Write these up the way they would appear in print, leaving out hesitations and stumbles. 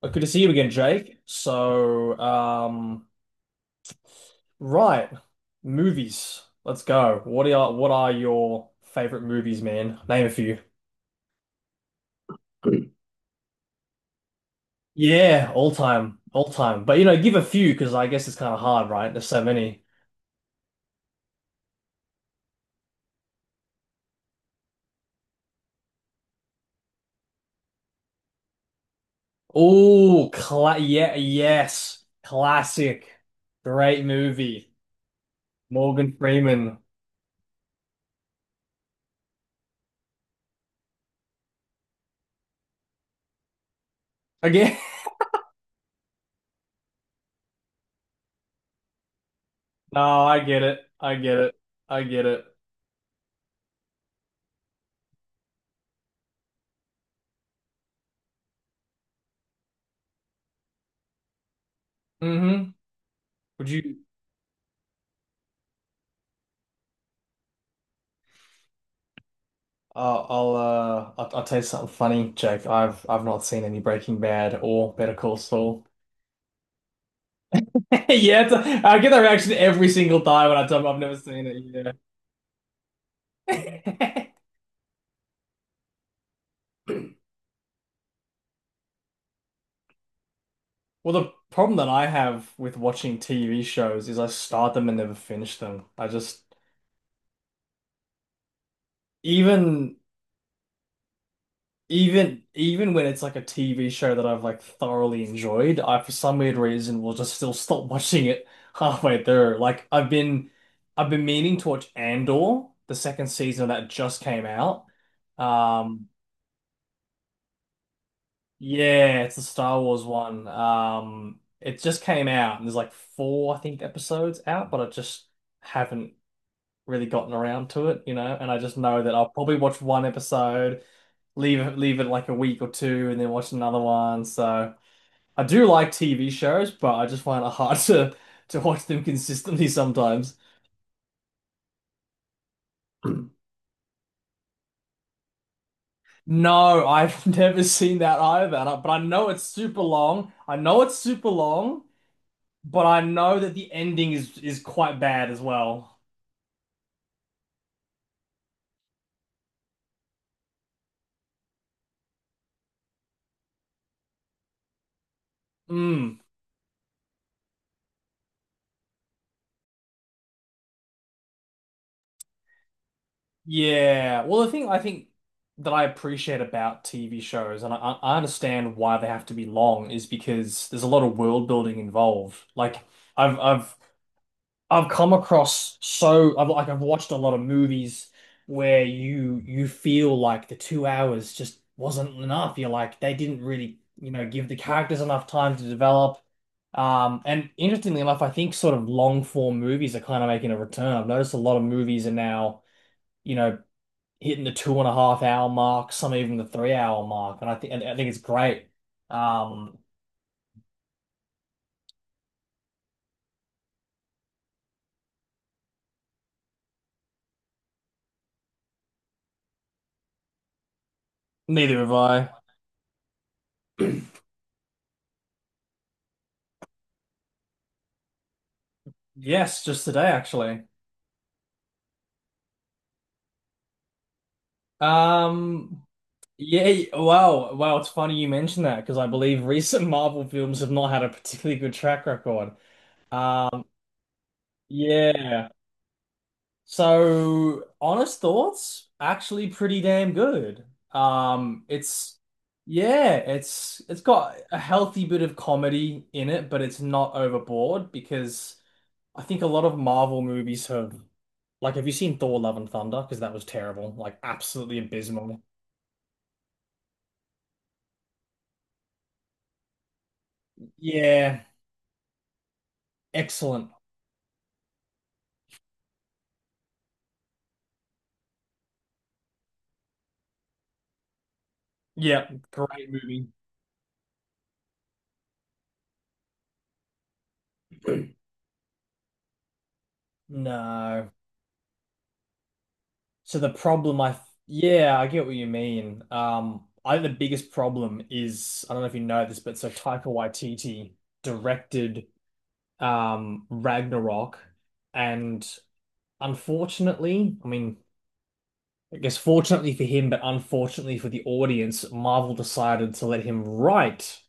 Well, good to see you again, Jake. Right, movies. Let's go. What are your favorite movies, man? Name a few. Good. Yeah, all time, all time. But you know, give a few because I guess it's kind of hard, right? There's so many. Oh, cla yeah, yes, classic, great movie. Morgan Freeman again. No, I get it. I get it. I get it. Mm-hmm. Would you? I'll tell you something funny, Jake. I've not seen any Breaking Bad or Better Call Saul. Yeah, it's, a, I get that reaction every single time when I tell them I've never seen it. Yeah. Well, the problem that I have with watching TV shows is I start them and never finish them. I just even Even even when it's like a TV show that I've thoroughly enjoyed, I for some weird reason will just still stop watching it halfway through. I've been meaning to watch Andor, the second season that just came out. Um yeah, it's the Star Wars one. It just came out and there's like four, I think, episodes out, but I just haven't really gotten around to it, you know, and I just know that I'll probably watch one episode, leave it like a week or two, and then watch another one. So I do like TV shows, but I just find it hard to watch them consistently sometimes. No, I've never seen that either, and I- but I know it's super long. I know it's super long, but I know that the ending is quite bad as well. Mm. Yeah. Well, the thing I think that I appreciate about TV shows, and I understand why they have to be long, is because there's a lot of world building involved. Like I've I've I've come across so I've like I've watched a lot of movies where you feel like the two hours just wasn't enough. You're like they didn't really, you know, give the characters enough time to develop. And interestingly enough, I think sort of long form movies are kind of making a return. I've noticed a lot of movies are now, you know, hitting the two and a half hour mark, some even the three-hour mark, and I think it's great. Um, Neither have I. Yes, just today actually. Um, yeah, wow, wow. It's funny you mentioned that because I believe recent Marvel films have not had a particularly good track record. Um, yeah. So, honest thoughts, actually pretty damn good. It's Yeah, it's got a healthy bit of comedy in it, but it's not overboard because I think a lot of Marvel movies have like have you seen Thor: Love and Thunder? Because that was terrible, like absolutely abysmal. Yeah, excellent. Yeah, great movie. No. So the problem I Yeah, I get what you mean. I think the biggest problem is I don't know if you know this, but so Taika Waititi directed Ragnarok and unfortunately, I mean, I guess fortunately for him, but unfortunately for the audience, Marvel decided to let him write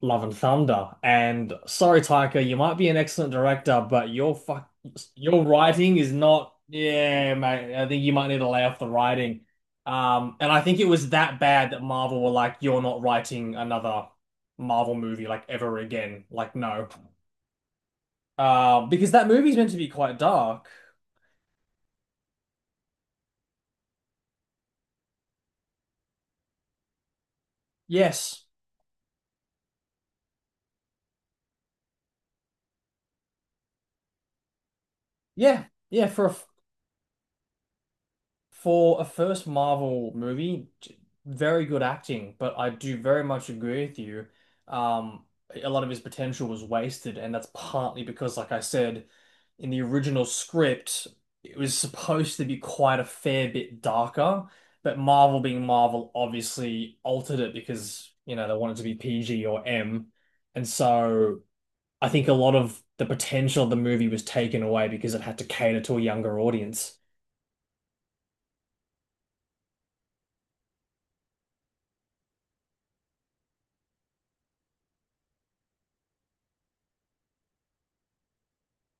Love and Thunder. And sorry, Taika, you might be an excellent director, but your writing is not. Yeah, mate. I think you might need to lay off the writing. And I think it was that bad that Marvel were like, "You're not writing another Marvel movie like ever again." Like, no, because that movie's meant to be quite dark. Yes. Yeah. Yeah. For a first Marvel movie, very good acting, but I do very much agree with you. Um, a lot of his potential was wasted, and that's partly because, like I said, in the original script, it was supposed to be quite a fair bit darker, but Marvel being Marvel obviously altered it because, you know, they wanted to be PG or M. And so I think a lot of the potential of the movie was taken away because it had to cater to a younger audience.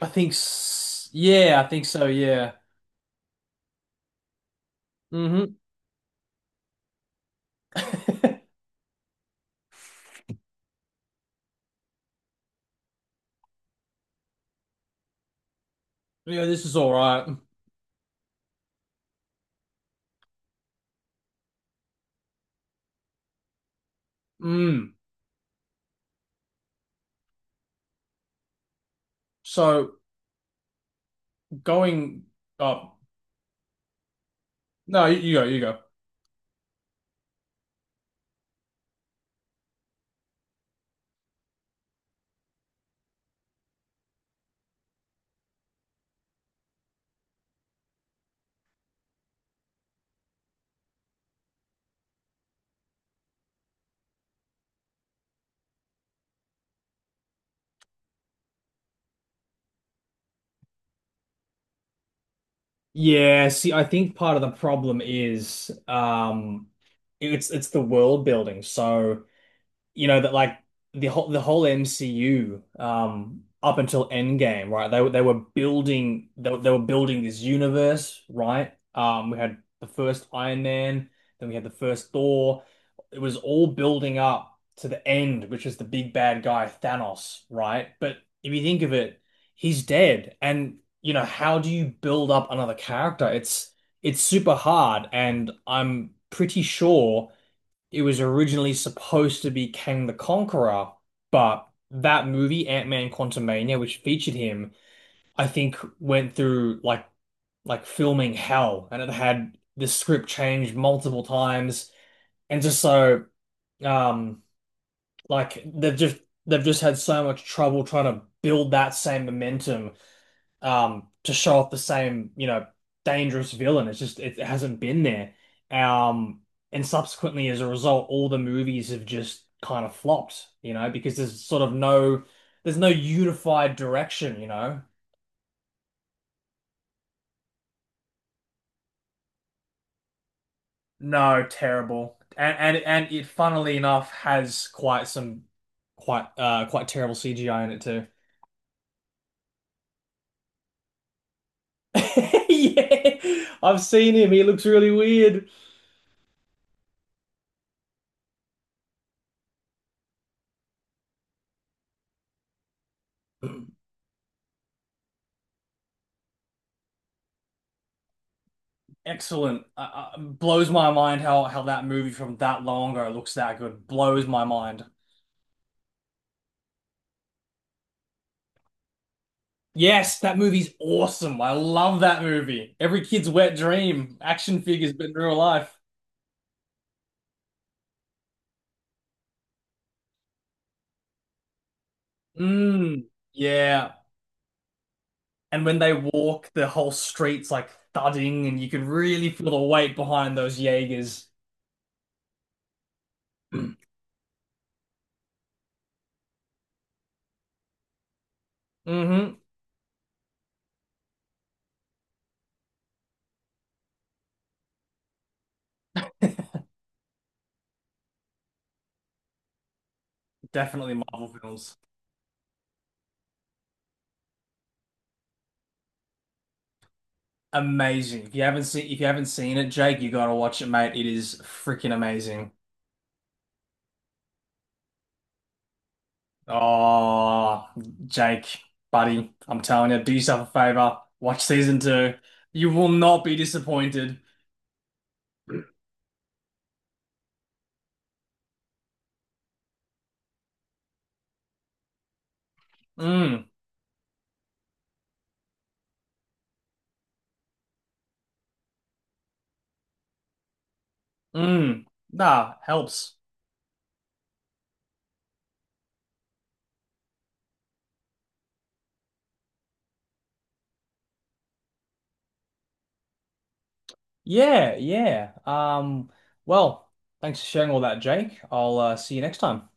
I think, s Yeah, I think so. Yeah. hmm Yeah, this is all right. Mm. So going up. No, you go. You go. Yeah, see, I think part of the problem is it's the world building. So you know that like the whole MCU up until Endgame, right? They were building this universe, right? We had the first Iron Man, then we had the first Thor. It was all building up to the end, which is the big bad guy Thanos, right? But if you think of it, he's dead, and you know how do you build up another character? It's super hard, and I'm pretty sure it was originally supposed to be Kang the Conqueror, but that movie, Ant-Man Quantumania, which featured him, I think went through like filming hell and it had the script changed multiple times and just so um like they've just had so much trouble trying to build that same momentum to show off the same, you know, dangerous villain. It hasn't been there. Um and subsequently as a result, all the movies have just kind of flopped, you know, because there's no unified direction, you know. No, terrible. And it funnily enough has quite some quite quite terrible CGI in it too. Yeah. I've seen him. He looks really weird. Excellent. Blows my mind how that movie from that long ago looks that good. Blows my mind. Yes, that movie's awesome. I love that movie. Every kid's wet dream. Action figures, but in real life. Mm, yeah. And when they walk, the whole street's like thudding, and you can really feel the weight behind those Jaegers. Mm-hmm. Definitely Marvel films. Amazing. If you haven't seen if you haven't seen it, Jake, you gotta watch it, mate. It is freaking amazing. Oh, Jake, buddy, I'm telling you, do yourself a favor. Watch season 2. You will not be disappointed. Mm, mm. Nah, helps. Yeah, yeah. Well, thanks for sharing all that, Jake. I'll see you next time.